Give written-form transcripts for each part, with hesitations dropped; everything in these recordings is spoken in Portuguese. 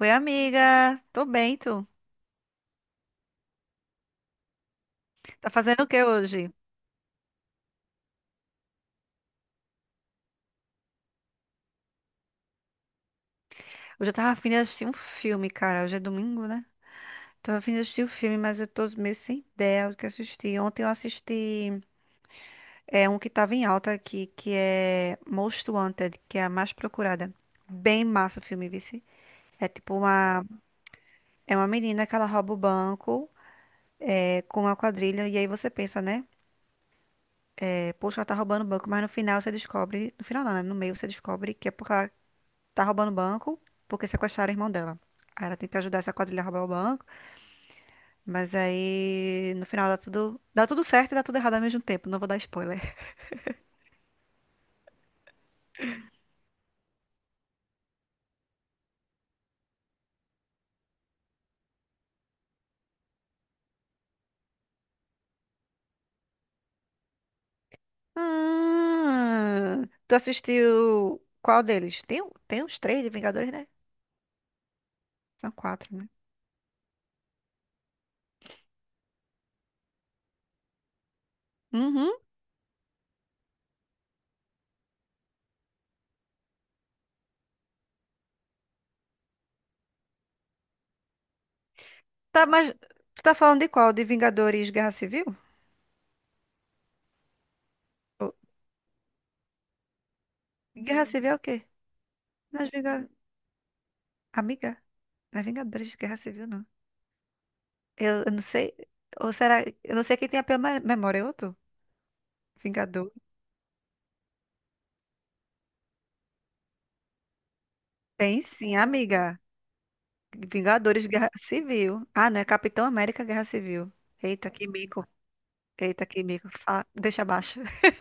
Oi, amiga. Tô bem, tu? Tá fazendo o que hoje? Hoje eu tava afim de assistir um filme, cara. Hoje é domingo, né? Tava afim de assistir um filme, mas eu tô meio sem ideia do que assistir. Ontem eu assisti um que tava em alta aqui, que é Most Wanted, que é a mais procurada. Bem massa o filme, vice. É tipo uma... É uma menina que ela rouba o banco, com uma quadrilha. E aí você pensa, né? É, poxa, ela tá roubando o banco. Mas no final você descobre... No final não, né? No meio você descobre que é porque ela tá roubando o banco porque sequestraram a irmã dela. Aí ela tenta ajudar essa quadrilha a roubar o banco, mas aí no final dá tudo certo e dá tudo errado ao mesmo tempo. Não vou dar spoiler. Ah, tu assistiu qual deles? Tem, tem uns três de Vingadores, né? São quatro, né? Uhum. Tá, mas tu tá falando de qual? De Vingadores Guerra Civil? Ou- Guerra Civil é o quê? Nós Vinga... Amiga, não é Vingadores de Guerra Civil, não. Eu não sei. Ou será. Eu não sei quem tem a pior memória, eu ou tu? Vingadores. Tem sim, amiga. Vingadores Guerra Civil. Ah, não, é Capitão América Guerra Civil. Eita, que mico. Eita, que mico. Fala- deixa abaixo.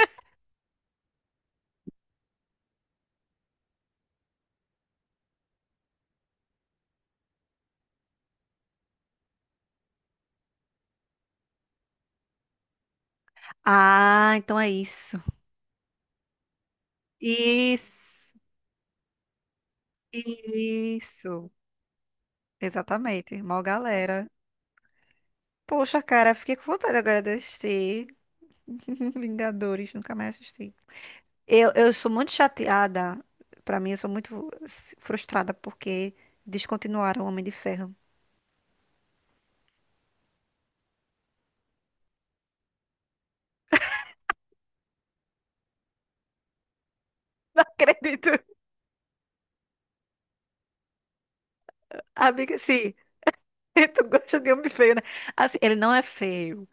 Ah, então é isso. Isso. Isso. Exatamente. Mó galera. Poxa, cara, fiquei com vontade agora de assistir. Vingadores, nunca mais assisti. Eu sou muito chateada. Pra mim, eu sou muito frustrada porque descontinuaram o Homem de Ferro. Não acredito. Amiga, sim. Tu gosta de homem feio, né? Assim, ele não é feio,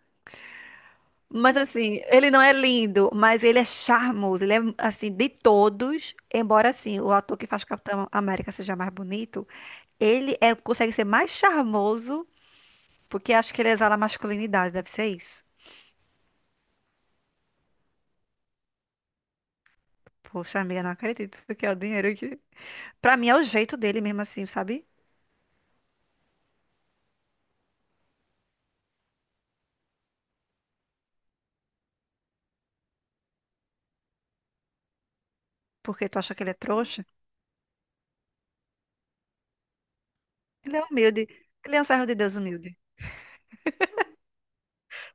mas assim, ele não é lindo, mas ele é charmoso. Ele é, assim, de todos, embora assim, o ator que faz Capitão América seja mais bonito, ele é, consegue ser mais charmoso, porque acho que ele exala masculinidade, deve ser isso. Poxa, amiga, não acredito que é o dinheiro que... Pra mim é o jeito dele mesmo assim, sabe? Porque tu acha que ele é trouxa? Ele é humilde. Ele é um servo de Deus humilde.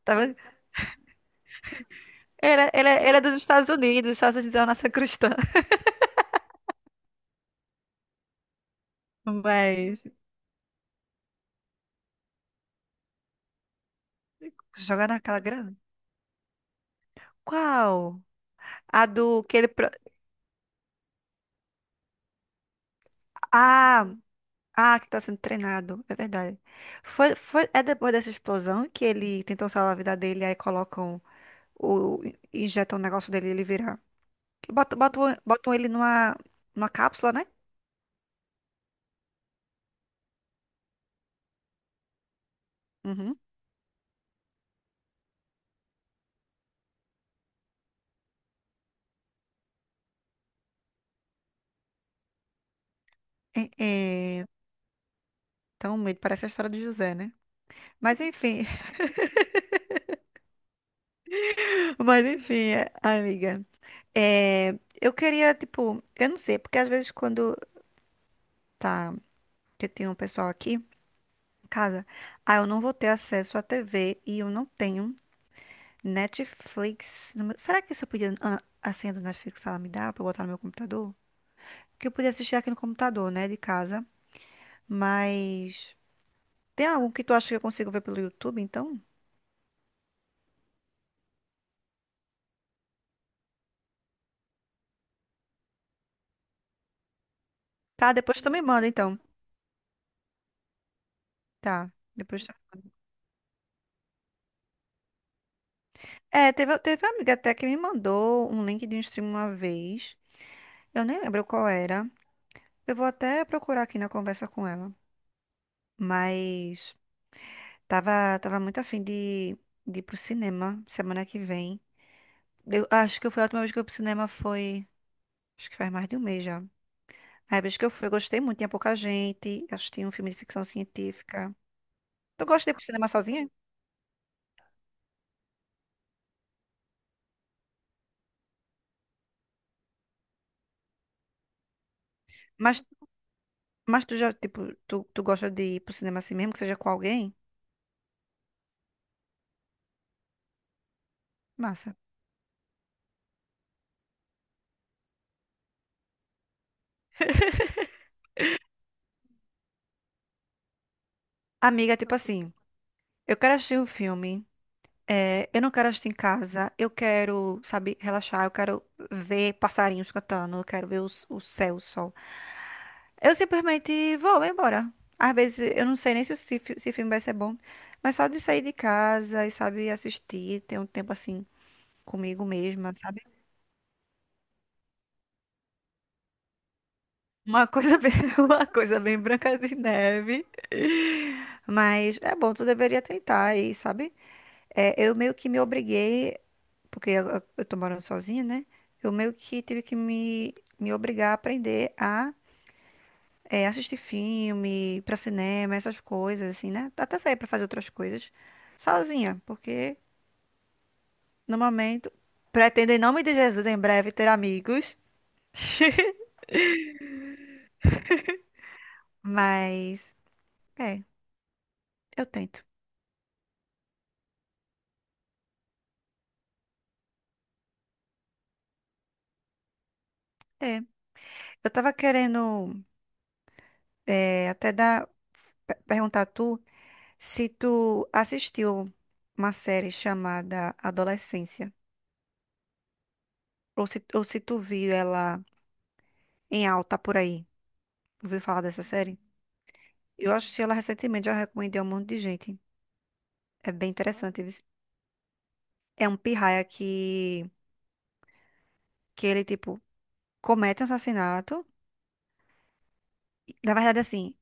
Tá vendo? Ele, ele, ele é dos Estados Unidos, os Estados Unidos é uma nação cristã. Mas jogar naquela grana? Qual? A do que ele. Pro- Ah, ah, que tá sendo treinado. É verdade. É depois dessa explosão que ele tentou salvar a vida dele, aí colocam o. Injetam o negócio dele e ele vira. Botam, botam, botam ele numa, numa cápsula, né? Uhum. É, é... Então, meio parece a história do José, né? Mas enfim. Mas enfim, amiga. É, eu queria, tipo, eu não sei, porque às vezes quando tá. Que tem um pessoal aqui. Casa, ah, eu não vou ter acesso à TV e eu não tenho Netflix. No meu- Será que se eu pedir a senha do Netflix, ela me dá pra eu botar no meu computador? Que eu podia assistir aqui no computador, né, de casa. Mas tem algum que tu acha que eu consigo ver pelo YouTube, então? Tá, depois tu me manda, então. Tá, depois tu... É, teve uma amiga até que me mandou um link de um stream uma vez. Eu nem lembro qual era. Eu vou até procurar aqui na conversa com ela. Mas... Tava muito afim de ir pro cinema semana que vem. Eu acho que foi a última vez que eu fui pro cinema foi. Acho que faz mais de um mês já. A vez que eu fui, eu gostei muito, tinha pouca gente. Eu assisti um filme de ficção científica. Tu gosta de ir pro cinema sozinha? Mas, mas tu já, tipo, tu gosta de ir pro cinema assim mesmo, que seja com alguém? Massa. Amiga, tipo assim, eu quero assistir um filme. Eu não quero assistir em casa, eu quero, sabe, relaxar, eu quero ver passarinhos cantando, eu quero ver o céu, o sol. Eu simplesmente vou embora. Às vezes eu não sei nem se o se filme vai ser bom, mas só de sair de casa e, sabe, assistir, ter um tempo assim comigo mesma, sabe? Uma coisa bem, uma coisa bem Branca de Neve. Mas é bom, tu deveria tentar aí, sabe? É, eu meio que me obriguei, porque eu tô morando sozinha, né? Eu meio que tive que me obrigar a aprender assistir filme, ir pra cinema, essas coisas, assim, né? Até sair pra fazer outras coisas sozinha, porque no momento pretendo, em nome de Jesus, em breve ter amigos, mas é, eu tento. É. Eu tava querendo até dar, perguntar a tu se tu assistiu uma série chamada Adolescência, ou se tu viu ela em alta por aí. Ouviu falar dessa série? Eu assisti ela recentemente, já recomendei a um monte de gente. É bem interessante. Isso. É um pirraia que ele, tipo, comete um assassinato. Na verdade, assim,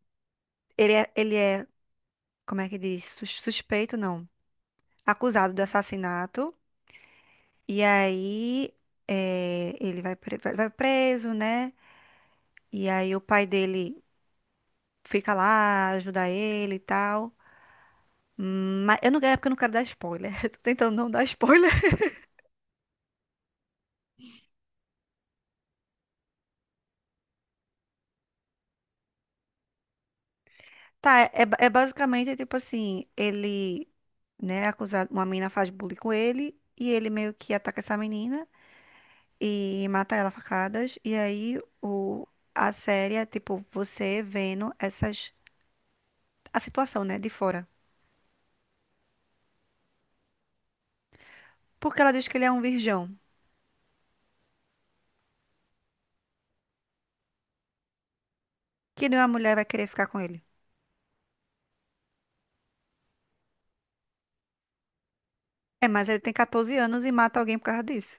ele é, como é que diz? Suspeito, não. Acusado do assassinato. E aí, ele vai, vai preso, né? E aí o pai dele fica lá, ajuda ele e tal. Mas eu não, é porque eu não quero dar spoiler. Eu tô tentando não dar spoiler. Tá, é basicamente tipo assim, ele, né, é acusado, uma menina faz bullying com ele e ele meio que ataca essa menina e mata ela a facadas. E aí o, a série é tipo você vendo essas, a situação, né, de fora. Porque ela diz que ele é um virgão, que nenhuma mulher vai querer ficar com ele. É, mas ele tem 14 anos e mata alguém por causa disso.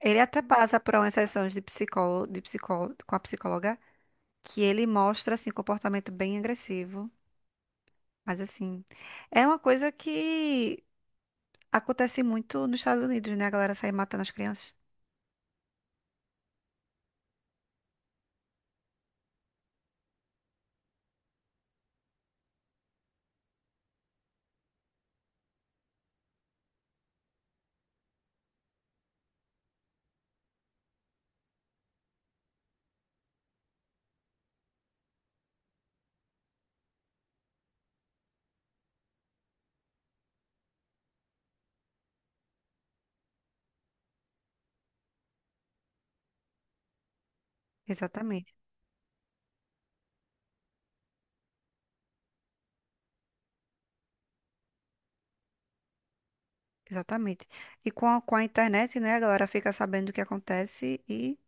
Ele até passa por uma sessão de psicólogo, com a psicóloga, que ele mostra assim comportamento bem agressivo. Mas assim, é uma coisa que acontece muito nos Estados Unidos, né? A galera sai matando as crianças. Exatamente, exatamente. E com a internet, né? A galera fica sabendo o que acontece e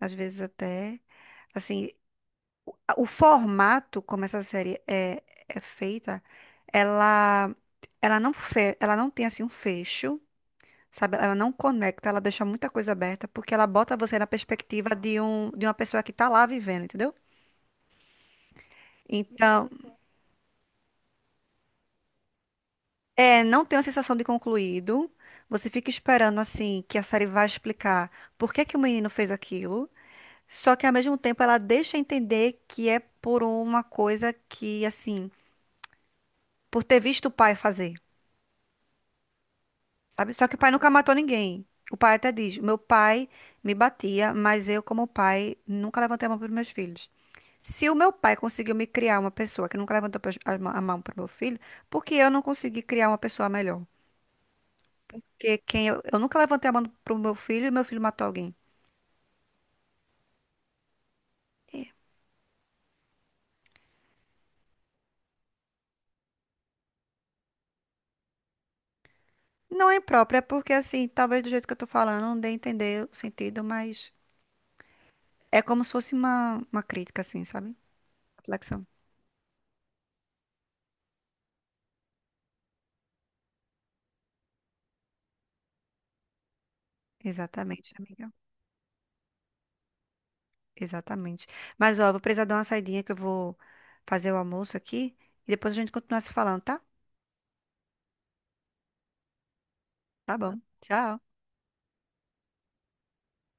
às vezes até, assim, o formato como essa série é feita, ela, ela não tem assim um fecho, sabe? Ela não conecta, ela deixa muita coisa aberta porque ela bota você na perspectiva de um, de uma pessoa que tá lá vivendo, entendeu? Então, é, não tem a sensação de concluído. Você fica esperando assim que a série vai explicar por que que o menino fez aquilo. Só que ao mesmo tempo ela deixa entender que é por uma coisa que assim, por ter visto o pai fazer, sabe? Só que o pai nunca matou ninguém. O pai até diz: "Meu pai me batia, mas eu como pai nunca levantei a mão para meus filhos." Se o meu pai conseguiu me criar uma pessoa que nunca levantou a mão para o meu filho, por que eu não consegui criar uma pessoa melhor? Que quem eu nunca levantei a mão pro meu filho e meu filho matou alguém. Não é impróprio, é porque assim, talvez do jeito que eu tô falando, não dê a entender o sentido, mas é como se fosse uma crítica, assim, sabe? Reflexão. Exatamente, amiga. Exatamente. Mas ó, vou precisar dar uma saidinha que eu vou fazer o almoço aqui e depois a gente continua se falando, tá? Tá bom. Tchau.